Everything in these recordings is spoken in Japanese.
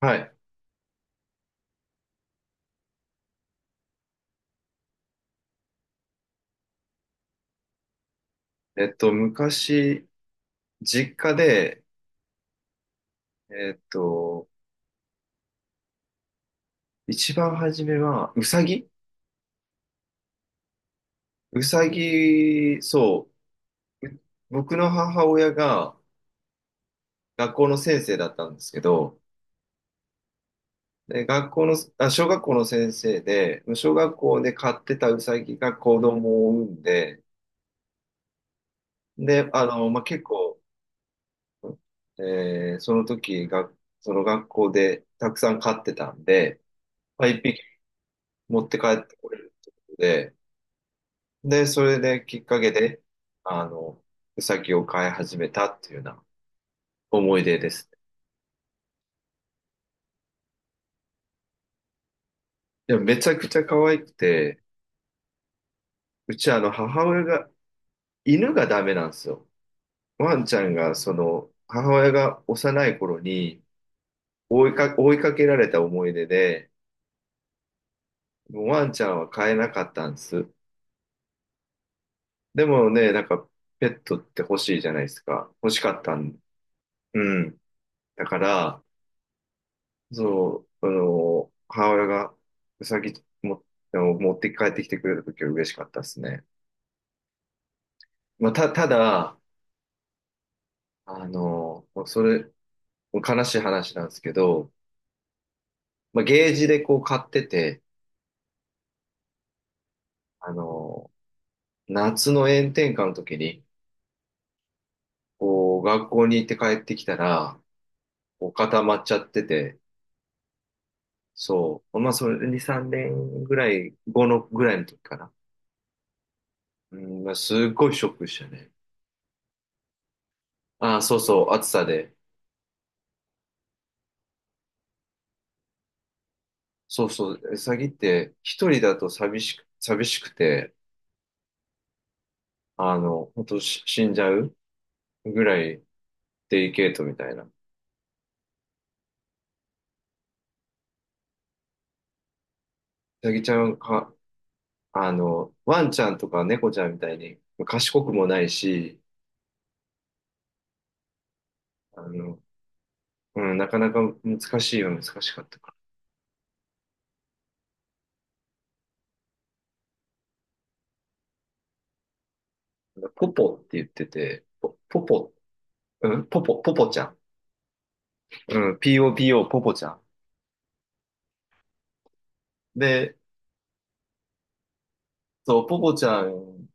はい。昔、実家で、えっと、一番初めは、うさぎ。そう、僕の母親が学校の先生だったんですけど、で、学校の、あ、小学校の先生で、小学校で飼ってたうさぎが子供を産んで、で、あの、まあ、結構、その時が、その学校でたくさん飼ってたんで、まあ、一匹持って帰ってこれるってことで、で、それできっかけで、あの、ウサギを飼い始めたっていうような思い出です。でもめちゃくちゃ可愛くて、うちあの母親が、犬がダメなんですよ。ワンちゃんが、その、母親が幼い頃に追いかけられた思い出で、もうワンちゃんは飼えなかったんです。でもね、なんかペットって欲しいじゃないですか。欲しかったん。うん。だから、そう、あの、母親がうさぎも、あの持って帰ってきてくれた時は嬉しかったですね。まあ、ただ、あの、もう悲しい話なんですけど、まあ、ゲージでこう買ってて、あの、夏の炎天下の時に、こう、学校に行って帰ってきたら、こう固まっちゃってて、そう、まあ、それ2、3年ぐらい、後のぐらいの時かな。うん、まあ、すっごいショックでしたね。ああ、そうそう、暑さで。そうそう、ウサギって一人だと寂しくて、あの、ほんと死んじゃうぐらいデリケートみたいな。ウサギちゃんか、あの、ワンちゃんとか猫ちゃんみたいに賢くもないし、あの、うん、なかなか難しいは難しかったから。ポポって言ってて、ポポ、うん、ポポちゃん。うん、POPO、ポポちゃん。で、そう、ポポちゃんっ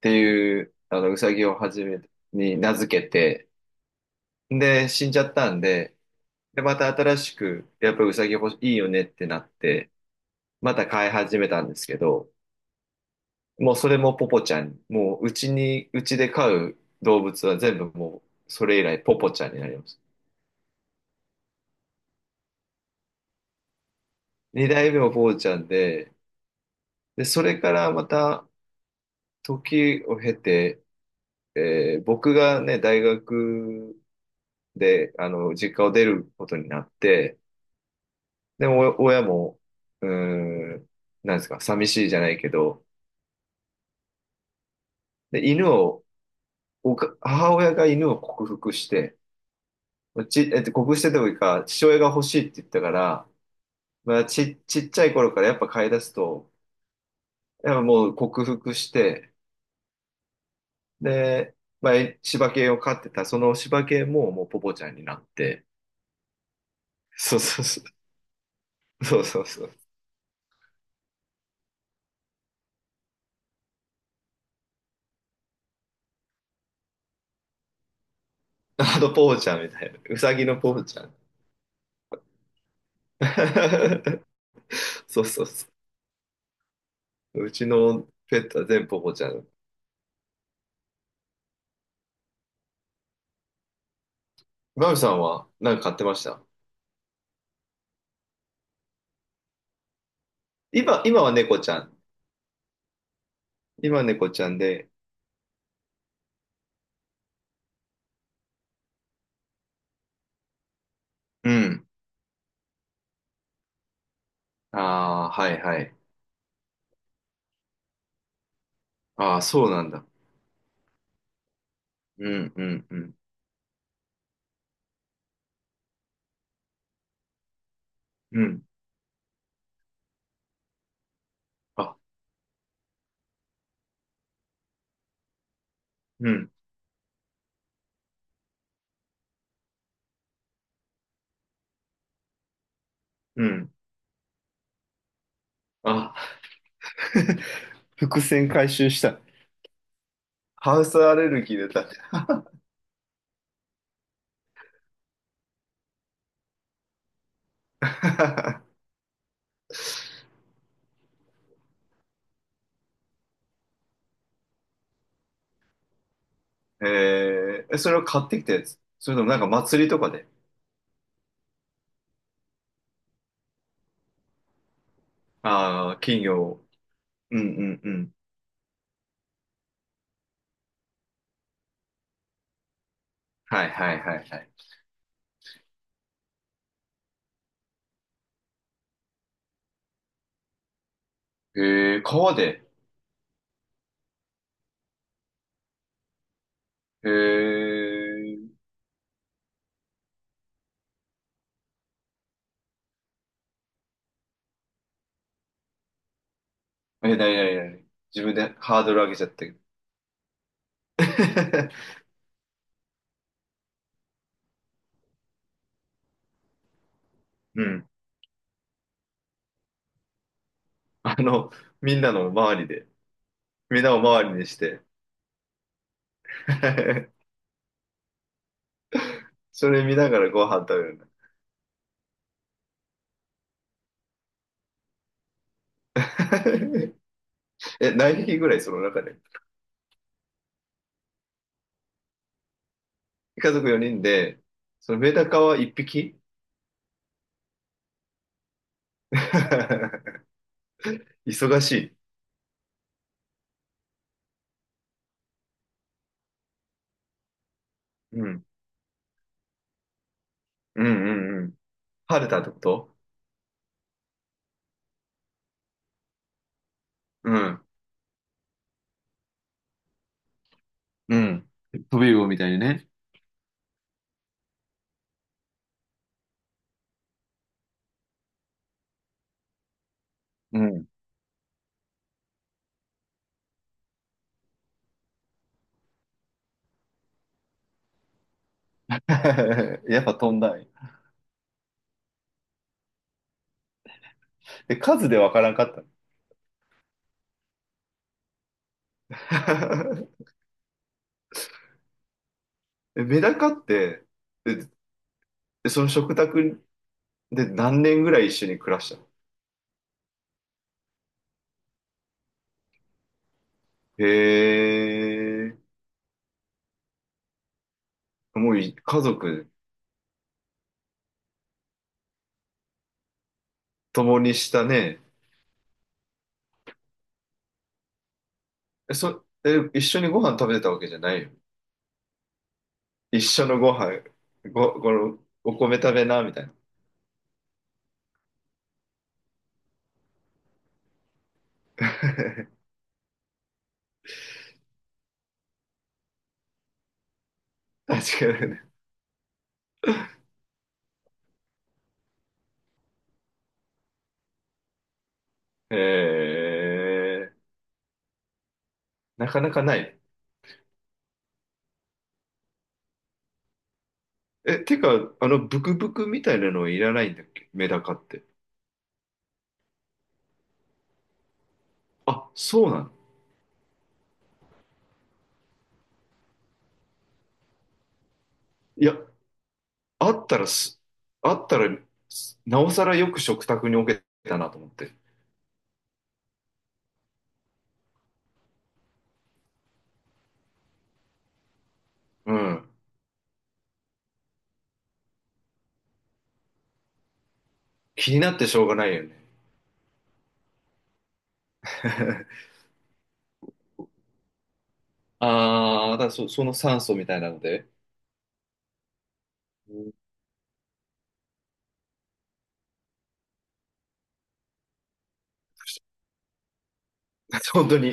ていう、あの、ウサギをはじめに名付けて、で、死んじゃったんで、で、また新しく、やっぱりウサギ欲しい、いいよねってなって、また飼い始めたんですけど、もうそれもポポちゃん、もううちに、うちで飼う動物は全部もうそれ以来ポポちゃんになります。二代目もポポちゃんで、で、それからまた時を経て、僕がね、大学で、あの、実家を出ることになって、でも、お親も、うーん、なんですか、寂しいじゃないけど、で、犬をおか母親が犬を克服して、ち、えっと、克服してというか、父親が欲しいって言ったから、まあ、ちっちゃい頃からやっぱ飼い出すと、やっぱもう克服して、で、まあ、柴犬を飼ってた、その柴犬ももうポポちゃんになって、そうそうそう、そうそうそう。あのポポちゃんみたいな、うさぎのポポちゃん。そうそうそう。うちのペットは全部ポポちゃん。マミさんは何か飼ってました？今は猫ちゃん。今は猫ちゃんで、うん。ああ、はいはい。ああ、そうなんだ。うんうんうん。うん。あ、うん。うん。あ、伏線回収した。ハウスアレルギー出た。えそれを買ってきたやつ？それともなんか祭りとかで。ああ、金魚を。うんうんうん。はいはいはいはい。え川で。えー、なになになに？自分でハードル上げちゃったけど。うん。あの、みんなの周りで。みんなを周りにして。それ見ながらご飯食べるんだ。え、何匹ぐらいその中で？家族4人で、そのメダカは1匹？ 忙しい。うん。うんうんうん。晴れたってこと？うん。うん。飛び魚みたいにね。うん。やっぱ飛んだんや。え、数でわからんかったの？え、メダカって、その食卓で何年ぐらい一緒に暮らしたの？へえ、もう家族共にしたね。え、一緒にご飯食べてたわけじゃないよ？一緒のご飯、この、お米食べな、みたいな。確かにね。えー、なかなかない。え、てか、あの、ブクブクみたいなのいらないんだっけメダカって？あ、そうなの？いや、あったらす、あったらす、なおさらよく食卓に置けたなと思って。うん。気になってしょうがないよね。ああ、だからその酸素みたいなので。うん 本当に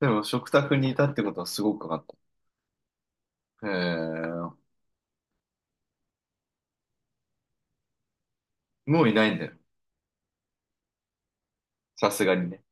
でも食卓にいたってことはすごく分かった。もういないんだよ。さすがにね。